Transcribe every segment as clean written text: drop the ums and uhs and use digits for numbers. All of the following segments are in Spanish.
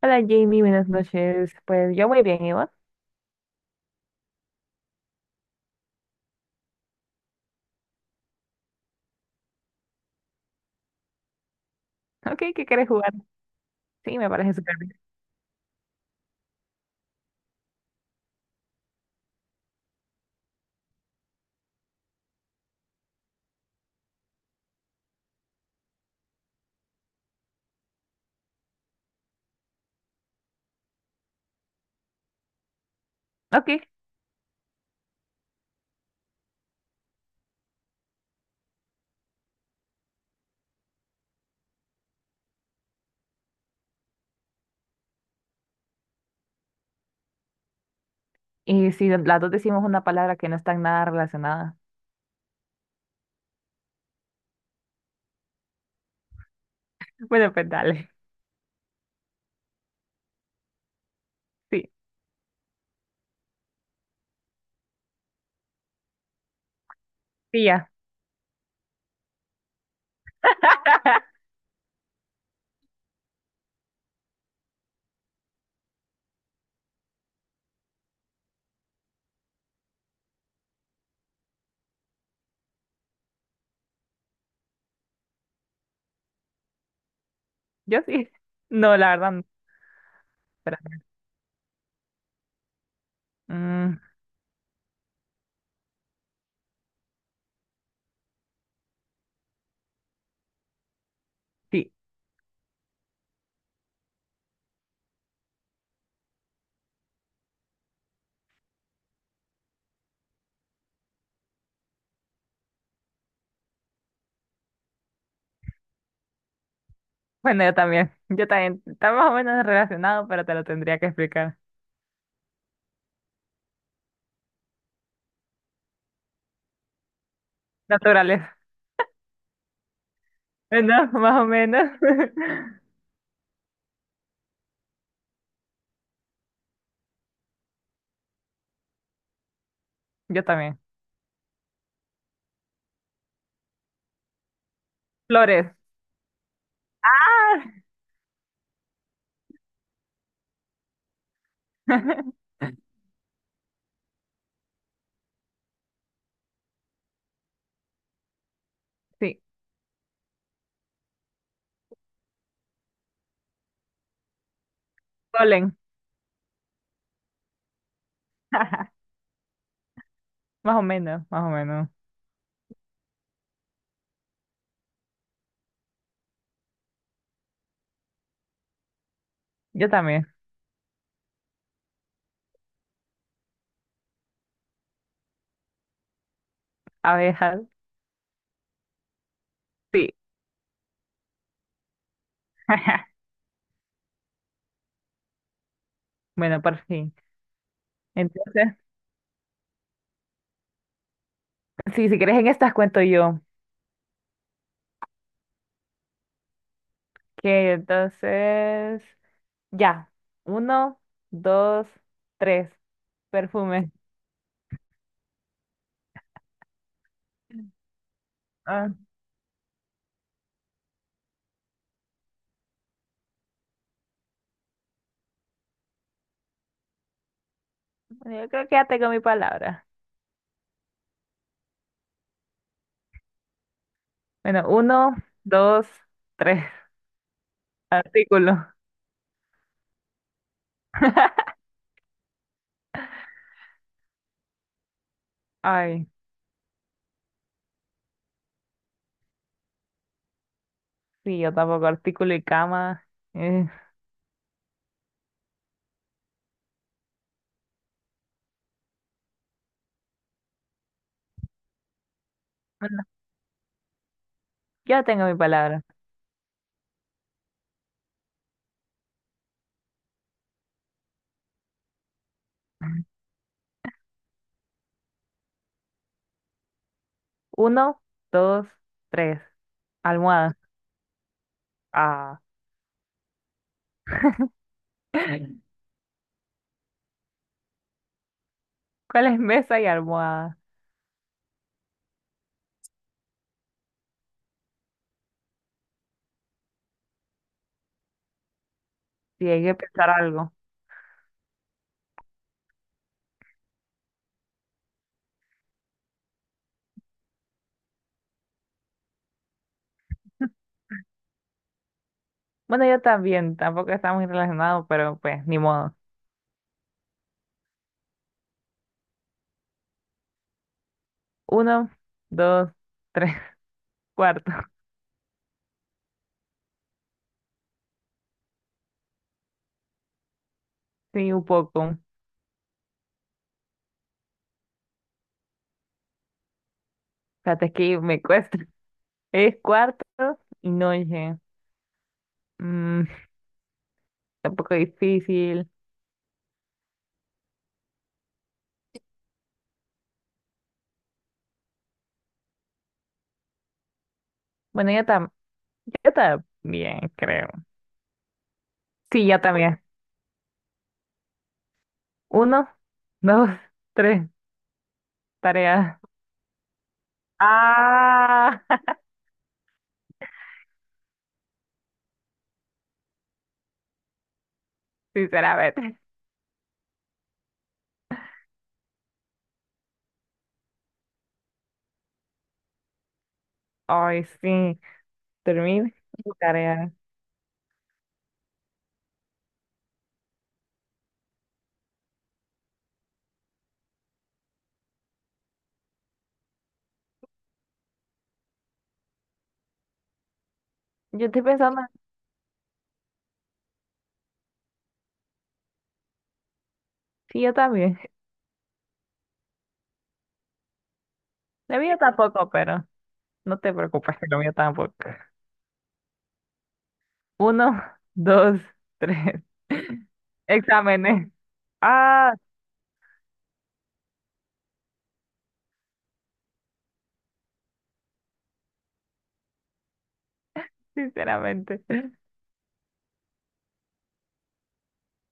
Hola Jamie, buenas noches. Pues yo muy bien, ¿y vos? Ok, ¿qué quieres jugar? Sí, me parece súper bien. Ok, y si las dos decimos una palabra que no está en nada relacionada. Bueno, pues dale. Sí, tía. Yo sí. No, la verdad, no. Espérate. Mm, sí. Bueno, yo también. Yo también. Está más o menos relacionado, pero te lo tendría que explicar. Naturales. No, más o menos. Yo también. Flores. Sí. Polen. Más o menos, más o menos. Yo también. Abejas. Sí. Bueno, por fin. Entonces, sí, si quieres en estas cuento yo. Que entonces, ya. Uno, dos, tres. Perfume. Ah, bueno, yo creo que ya tengo mi palabra. Bueno, uno, dos, tres. Artículo. Ay, sí, yo tampoco. Artículo y cama. eh, bueno, yo tengo mi palabra. Uno, dos, tres. Almohada. Ah. ¿Cuál es mesa y almohada? Sí, hay que pensar algo. Bueno, yo también, tampoco está muy relacionado, pero pues, ni modo. Uno, dos, tres, cuarto. Sí, un poco. Fíjate es que me cuesta. Es cuarto y noche. Mm, tampoco difícil. Bueno, yo también, creo. Sí, yo también. Uno, dos, tres, tarea. Ah, sinceramente. Ay, sí, termina mi tarea. Yo estoy pensando, sí, yo también. La mía tampoco, pero. No te preocupes, que lo mío tampoco. Uno, dos, tres. Exámenes. Ah, sinceramente.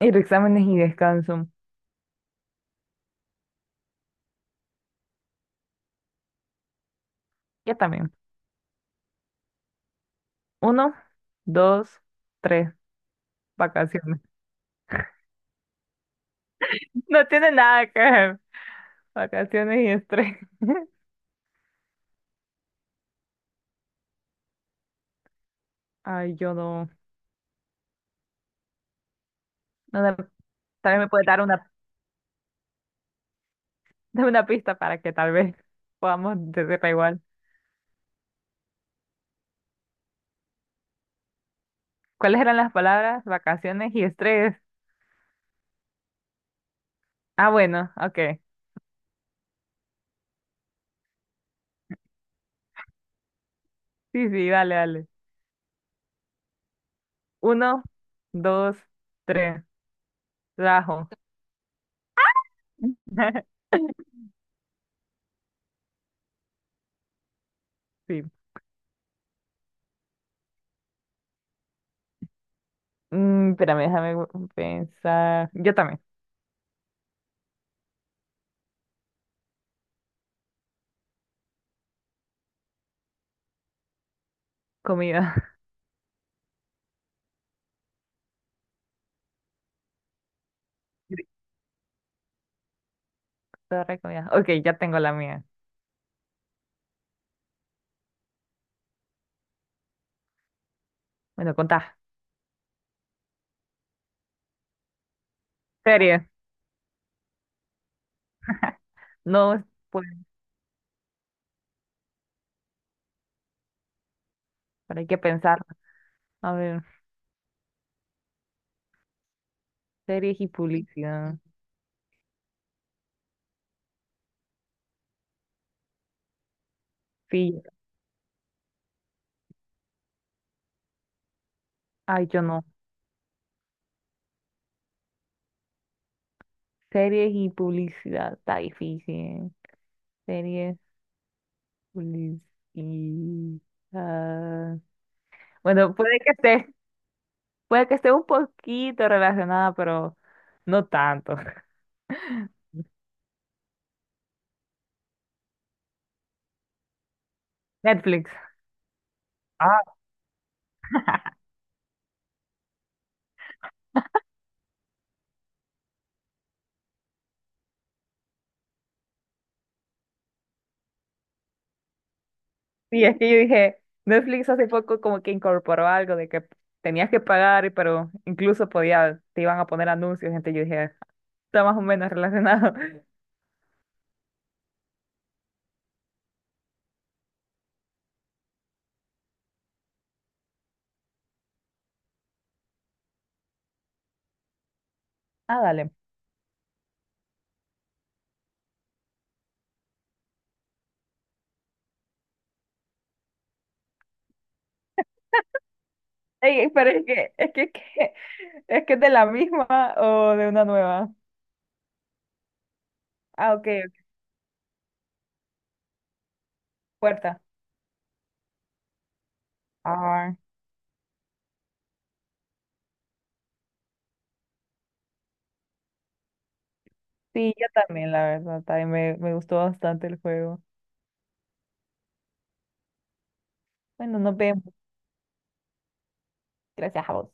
Ir exámenes y descanso. Yo también. Uno, dos, tres. Vacaciones. No tiene nada que ver. Vacaciones y estrés. Ay, yo no. no me- Tal vez me puede dar una, dame una pista para que tal vez podamos decirla igual. ¿Cuáles eran las palabras? Vacaciones y estrés. Ah, bueno, ok. Sí, sí, dale, dale. Uno, dos, tres. Trabajo. Sí. Mm, espérame, pensar. Yo también. Comida. Torre, comida. Ok, ya tengo la mía. Bueno, contá. Series. No, pues, pero hay que pensar. A ver, series y publicidad. Sí. Ay, yo no. Series y publicidad. Está difícil. Series, publicidad. Bueno, puede que esté un poquito relacionada, pero no tanto. Netflix. Ah, sí, es que yo dije, Netflix hace poco como que incorporó algo de que tenías que pagar, pero incluso podía, te iban a poner anuncios, gente, yo dije, está más o menos relacionado. Ah, dale. Ey, pero es que es de la misma o de una nueva. Ah, ok, ok, puerta. Ah, sí, yo también, la verdad, también me gustó bastante el juego. Bueno, nos vemos. Gracias a vos.